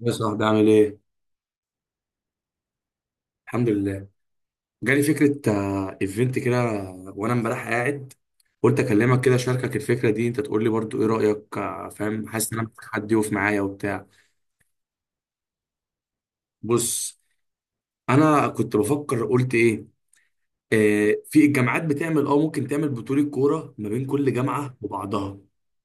يا صاحبي عامل ايه؟ الحمد لله. جالي فكرة ايفنت كده. وانا امبارح قاعد قلت اكلمك كده اشاركك الفكرة دي، انت تقول لي برضو ايه رأيك. فاهم، حاسس ان انا محتاج حد يقف معايا وبتاع. بص، انا كنت بفكر قلت ايه. في الجامعات بتعمل، ممكن تعمل بطولة كورة ما بين كل جامعة وبعضها.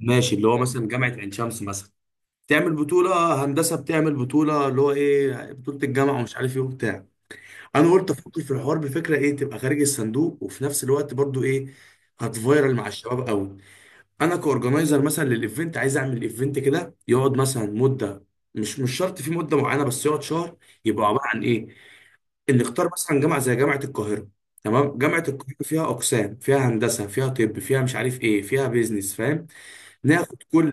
ماشي، اللي هو مثلا جامعة عين شمس مثلا تعمل بطولة هندسة، بتعمل بطولة اللي هو ايه، بطولة الجامعة ومش عارف ايه وبتاع. انا قلت افكر في الحوار بفكره ايه، تبقى خارج الصندوق وفي نفس الوقت برضو ايه، هتفايرل مع الشباب قوي. انا كاورجنايزر مثلا للايفنت، عايز اعمل ايفنت كده يقعد مثلا مده، مش شرط في مده معينه، بس يقعد شهر. يبقى عباره عن ايه؟ ان نختار مثلا جامعه زي جامعه القاهره. تمام، جامعه القاهره فيها اقسام، فيها هندسه، فيها طب، فيها مش عارف ايه، فيها بيزنس. فاهم؟ ناخد كل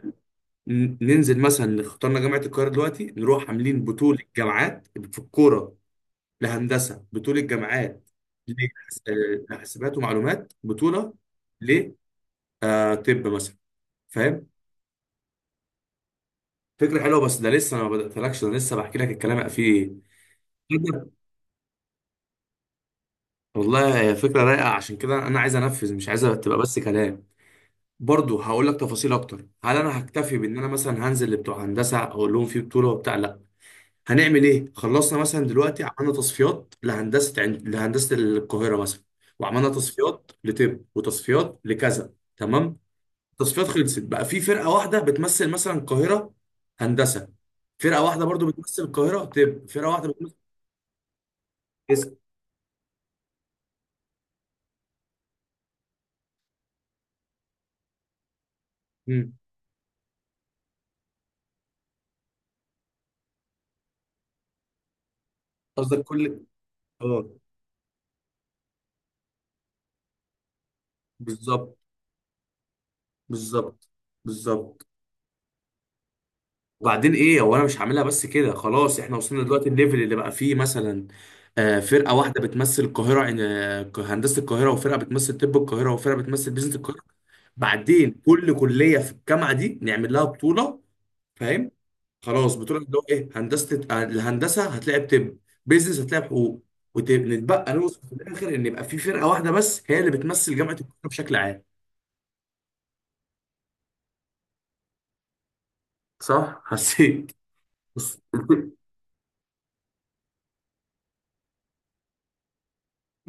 ننزل مثلا اخترنا جامعه القاهره دلوقتي، نروح عاملين بطوله جامعات في الكوره، لهندسه بطوله جامعات، لحاسبات ومعلومات بطوله، ل آه، طب مثلا. فاهم؟ فكره حلوه بس ده لسه، انا ما بداتلكش، انا لسه بحكي لك الكلام بقى فيه إيه. كده. والله هي فكره رايقه، عشان كده انا عايز انفذ، مش عايزها تبقى بس كلام. برضه هقول لك تفاصيل اكتر. هل انا هكتفي بان انا مثلا هنزل لبتوع هندسه اقول لهم في بطوله وبتاع؟ لا. هنعمل ايه؟ خلصنا مثلا دلوقتي عملنا تصفيات لهندسه لهندسه القاهره مثلا، وعملنا تصفيات لطب وتصفيات لكذا. تمام. التصفيات خلصت بقى، في فرقه واحده بتمثل مثلا القاهره هندسه، فرقه واحده برضو بتمثل القاهره طب، فرقه واحده بتمثل اسم. مم. قصدك كل. اه، بالظبط، بالظبط، بالظبط. وبعدين ايه، هو انا مش هعملها بس كده خلاص، احنا وصلنا دلوقتي الليفل اللي بقى فيه مثلا فرقه واحده بتمثل القاهره، هندسه القاهره، وفرقه بتمثل طب القاهره، وفرقه بتمثل بيزنس القاهره. بعدين كل كليه في الجامعه دي نعمل لها بطوله. فاهم؟ خلاص، بتقول اللي هو ايه، هندسه الهندسه هتلاقي بطب، بيزنس هتلاقي بحقوق، ونتبقى نوصل في الاخر ان يبقى في فرقه واحده بس هي اللي بتمثل جامعه القاهره بشكل عام. صح؟ حسيت؟ بس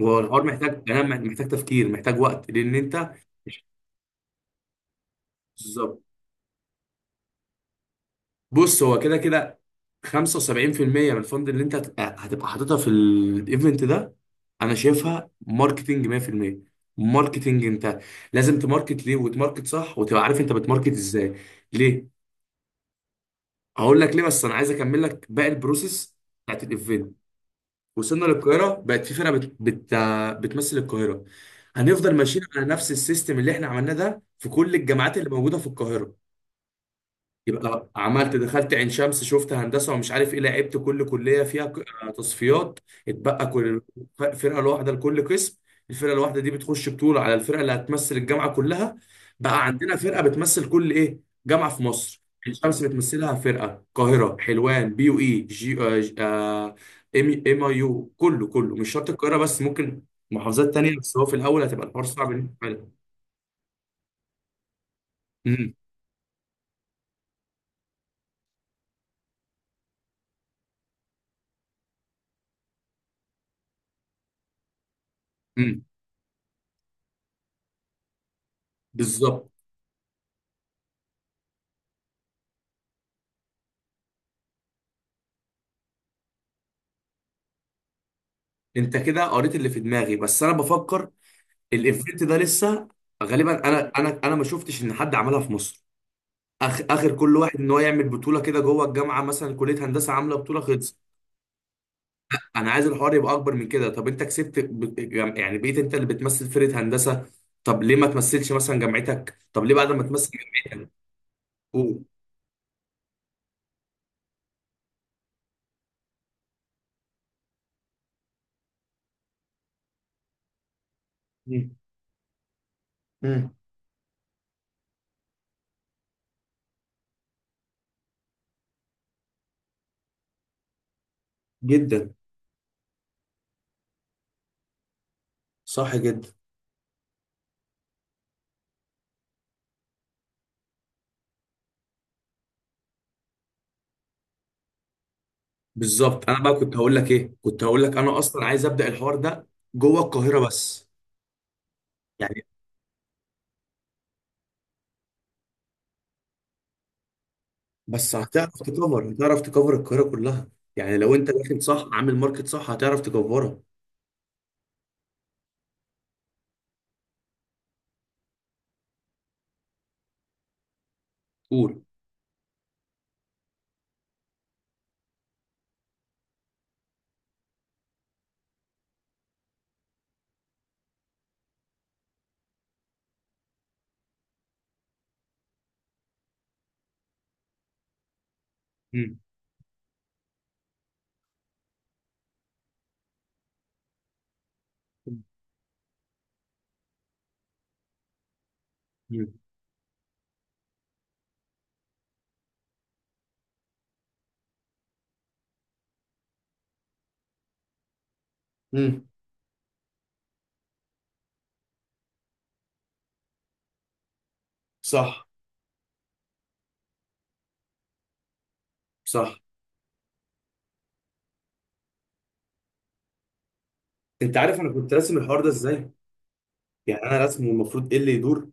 هو الحوار محتاج، انا محتاج تفكير، محتاج وقت لان انت. بالظبط. بص، هو كده كده 75% من الفند اللي انت هتبقى حاططها في الايفنت ده، انا شايفها ماركتنج 100%. ماركتنج، انت لازم تماركت ليه وتماركت صح وتبقى عارف انت بتماركت ازاي ليه. هقول لك ليه بس انا عايز اكمل لك باقي البروسيس بتاعت الايفنت. وصلنا للقاهره، بقت في فرقه بتمثل القاهره. هنفضل ماشيين على نفس السيستم اللي احنا عملناه ده في كل الجامعات اللي موجوده في القاهره. يبقى عملت دخلت عين شمس، شفت هندسه ومش عارف ايه، لعبت كل كليه فيها تصفيات. اتبقى كل فرقه لوحده لكل قسم. الفرقه الواحده دي بتخش بطوله على الفرقه اللي هتمثل الجامعه كلها. بقى عندنا فرقه بتمثل كل ايه، جامعه في مصر. عين شمس بتمثلها فرقه، القاهره، حلوان، بي يو اي جي، ام ام اي يو، كله كله مش شرط القاهره بس، ممكن محافظات تانية، بس هو في الاول هتبقى الحوار صعب إن إنت تعملها. امم. امم. بالظبط، انت كده قريت اللي في دماغي بس انا بفكر، الافكت ده لسه. غالبا انا ما شفتش ان حد عملها في مصر. اخر كل واحد ان هو يعمل بطوله كده جوه الجامعه، مثلا كليه هندسه عامله بطوله خلص. انا عايز الحوار يبقى اكبر من كده. طب انت كسبت يعني بقيت انت اللي بتمثل فرقه هندسه، طب ليه ما تمثلش مثلا جامعتك، طب ليه بعد ما تمثل جامعتك. قول. مم. مم. جدا. صح جدا. بالظبط، انا بقى كنت هقول لك ايه، كنت هقول لك انا اصلا عايز ابدا الحوار ده جوه القاهره بس. يعني بس هتعرف تكفر القاهرة كلها. يعني لو انت داخل صح، عامل ماركت صح، هتعرف تكفرها. قول. مم. مم. مم. صح. صح. انت عارف انا كنت راسم الحوار ده ازاي؟ يعني انا راسمه المفروض ايه اللي يدور.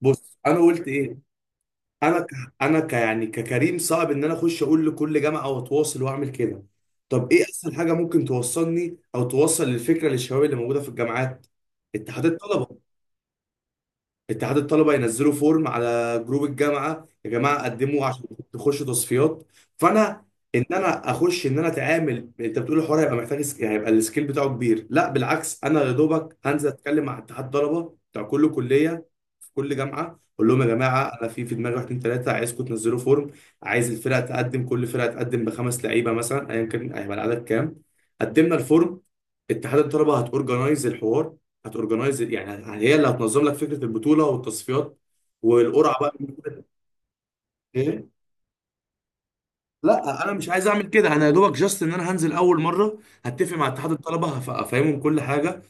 بص انا قلت ايه. انا ك... يعني ككريم صعب ان انا اخش اقول لكل جامعة واتواصل واعمل كده. طب ايه اسهل حاجة ممكن توصلني او توصل الفكرة للشباب اللي موجودة في الجامعات؟ اتحاد الطلبة. اتحاد الطلبه ينزلوا فورم على جروب الجامعه، يا جماعه قدموا عشان تخشوا تصفيات. فانا ان انا اخش ان انا اتعامل، انت بتقول الحوار هيبقى محتاج يعني هيبقى السكيل بتاعه كبير، لا بالعكس، انا يا دوبك هنزل اتكلم مع اتحاد طلبه بتاع كل كليه في كل جامعه، اقول لهم يا جماعه انا في دماغي واحد اتنين تلاته، عايزكم تنزلوا فورم. عايز الفرق تقدم، كل فرقه تقدم بخمس لعيبه مثلا، ايا كان هيبقى العدد كام. قدمنا الفورم، اتحاد الطلبه هتورجنايز الحوار. هتورجنايز يعني هي اللي هتنظم لك فكره البطوله والتصفيات والقرعه بقى. ايه؟ لا انا مش عايز اعمل كده. انا يا دوبك جاست ان انا هنزل اول مره هتفق مع اتحاد الطلبه، هفهمهم كل حاجه.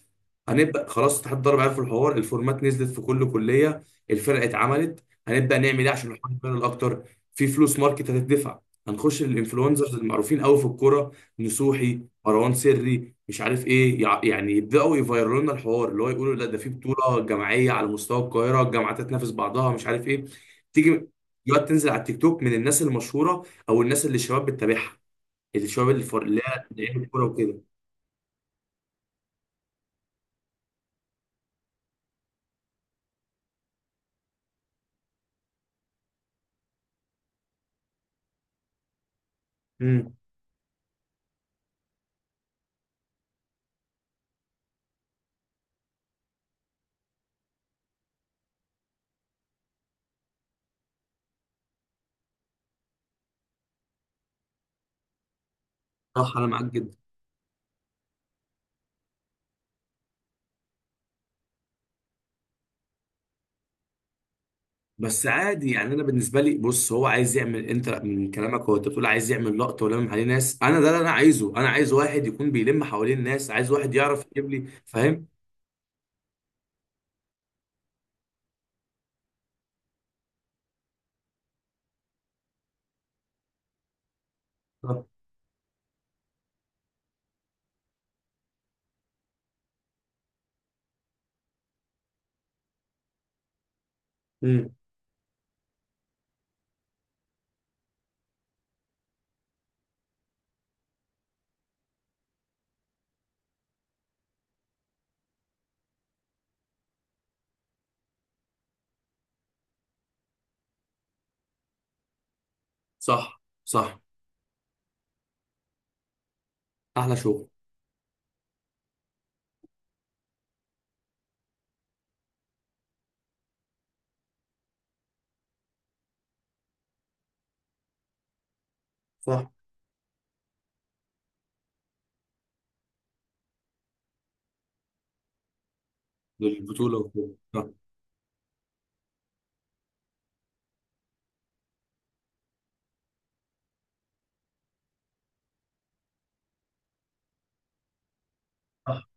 هنبدا خلاص، اتحاد الضرب عارف الحوار، الفورمات نزلت في كل كليه، الفرقه اتعملت. هنبدا نعمل ايه عشان نحقق الفرق اكتر؟ في فلوس ماركت هتدفع، هنخش للانفلونسرز المعروفين قوي في الكوره، نصوحي، مروان سري، مش عارف ايه، يعني يبداوا يفيروا لنا الحوار، اللي هو يقولوا لا، ده في بطوله جماعيه على مستوى القاهره، الجامعات تتنافس بعضها مش عارف ايه. تيجي دلوقتي تنزل على التيك توك من الناس المشهوره، او الناس اللي الشباب بتتابعها، الشباب اللي اللي هي لعيبه الكوره وكده. امم. صح، انا معاك جدا. بس عادي يعني، انا بالنسبه لي بص هو عايز يعمل، انت من كلامك هو انت بتقول عايز يعمل لقطه ولمم عليه ناس. انا ده اللي انا عايزه، انا عايز واحد يكون بيلم حوالين الناس، عايز واحد يعرف يجيب لي. فاهم؟ صح. امم. صح. صح. احلى شغل. صح. للبطوله وكده صح. صح.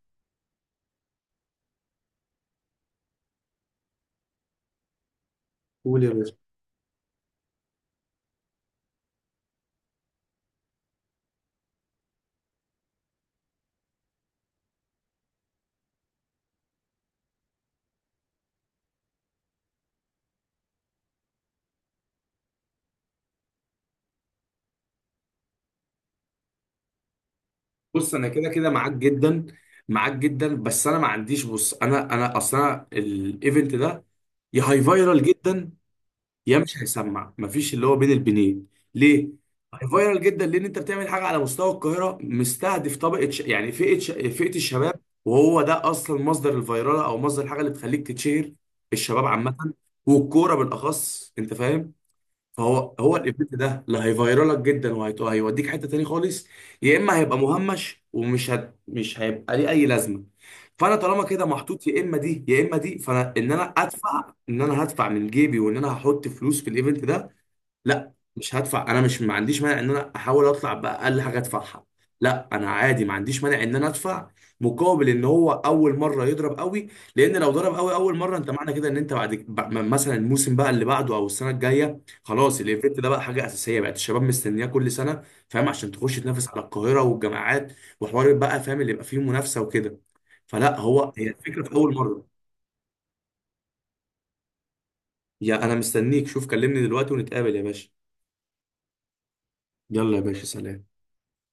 قول يا باشا. بص انا كده كده معاك جدا، معاك جدا بس انا ما عنديش. بص، انا اصلا الايفنت ده يا هاي فايرال جدا، يا مش هيسمع، مفيش اللي هو بين البنين. ليه؟ فايرال جدا لان انت بتعمل حاجه على مستوى القاهره، مستهدف طبقه يعني فئه فئه الشباب، وهو ده اصلا مصدر الفيراله او مصدر الحاجه اللي بتخليك تتشهر، الشباب عامه والكوره بالاخص. انت فاهم؟ فهو الايفنت ده لا هيفيرالك جدا وهيوديك حته تاني خالص، يا اما هيبقى مهمش ومش مش هيبقى ليه اي لازمه. فانا طالما كده محطوط يا اما دي يا اما دي، فانا ان انا ادفع، ان انا هدفع من جيبي وان انا هحط فلوس في الايفنت ده. لا مش هدفع. انا مش، ما عنديش مانع ان انا احاول اطلع باقل حاجه ادفعها. لا انا عادي ما عنديش مانع ان انا ادفع مقابل ان هو اول مره يضرب قوي. لان لو ضرب قوي اول مره، انت معنى كده ان انت بعد مثلا الموسم بقى اللي بعده او السنه الجايه، خلاص الايفنت ده بقى حاجه اساسيه بقت الشباب مستنياه كل سنه. فاهم؟ عشان تخش تنافس على القاهره والجامعات وحوار بقى، فاهم، اللي يبقى فيه منافسه وكده. فلا، هو هي الفكره في اول مره. يا انا مستنيك، شوف كلمني دلوقتي ونتقابل يا باشا. يلا يا باشا، سلام.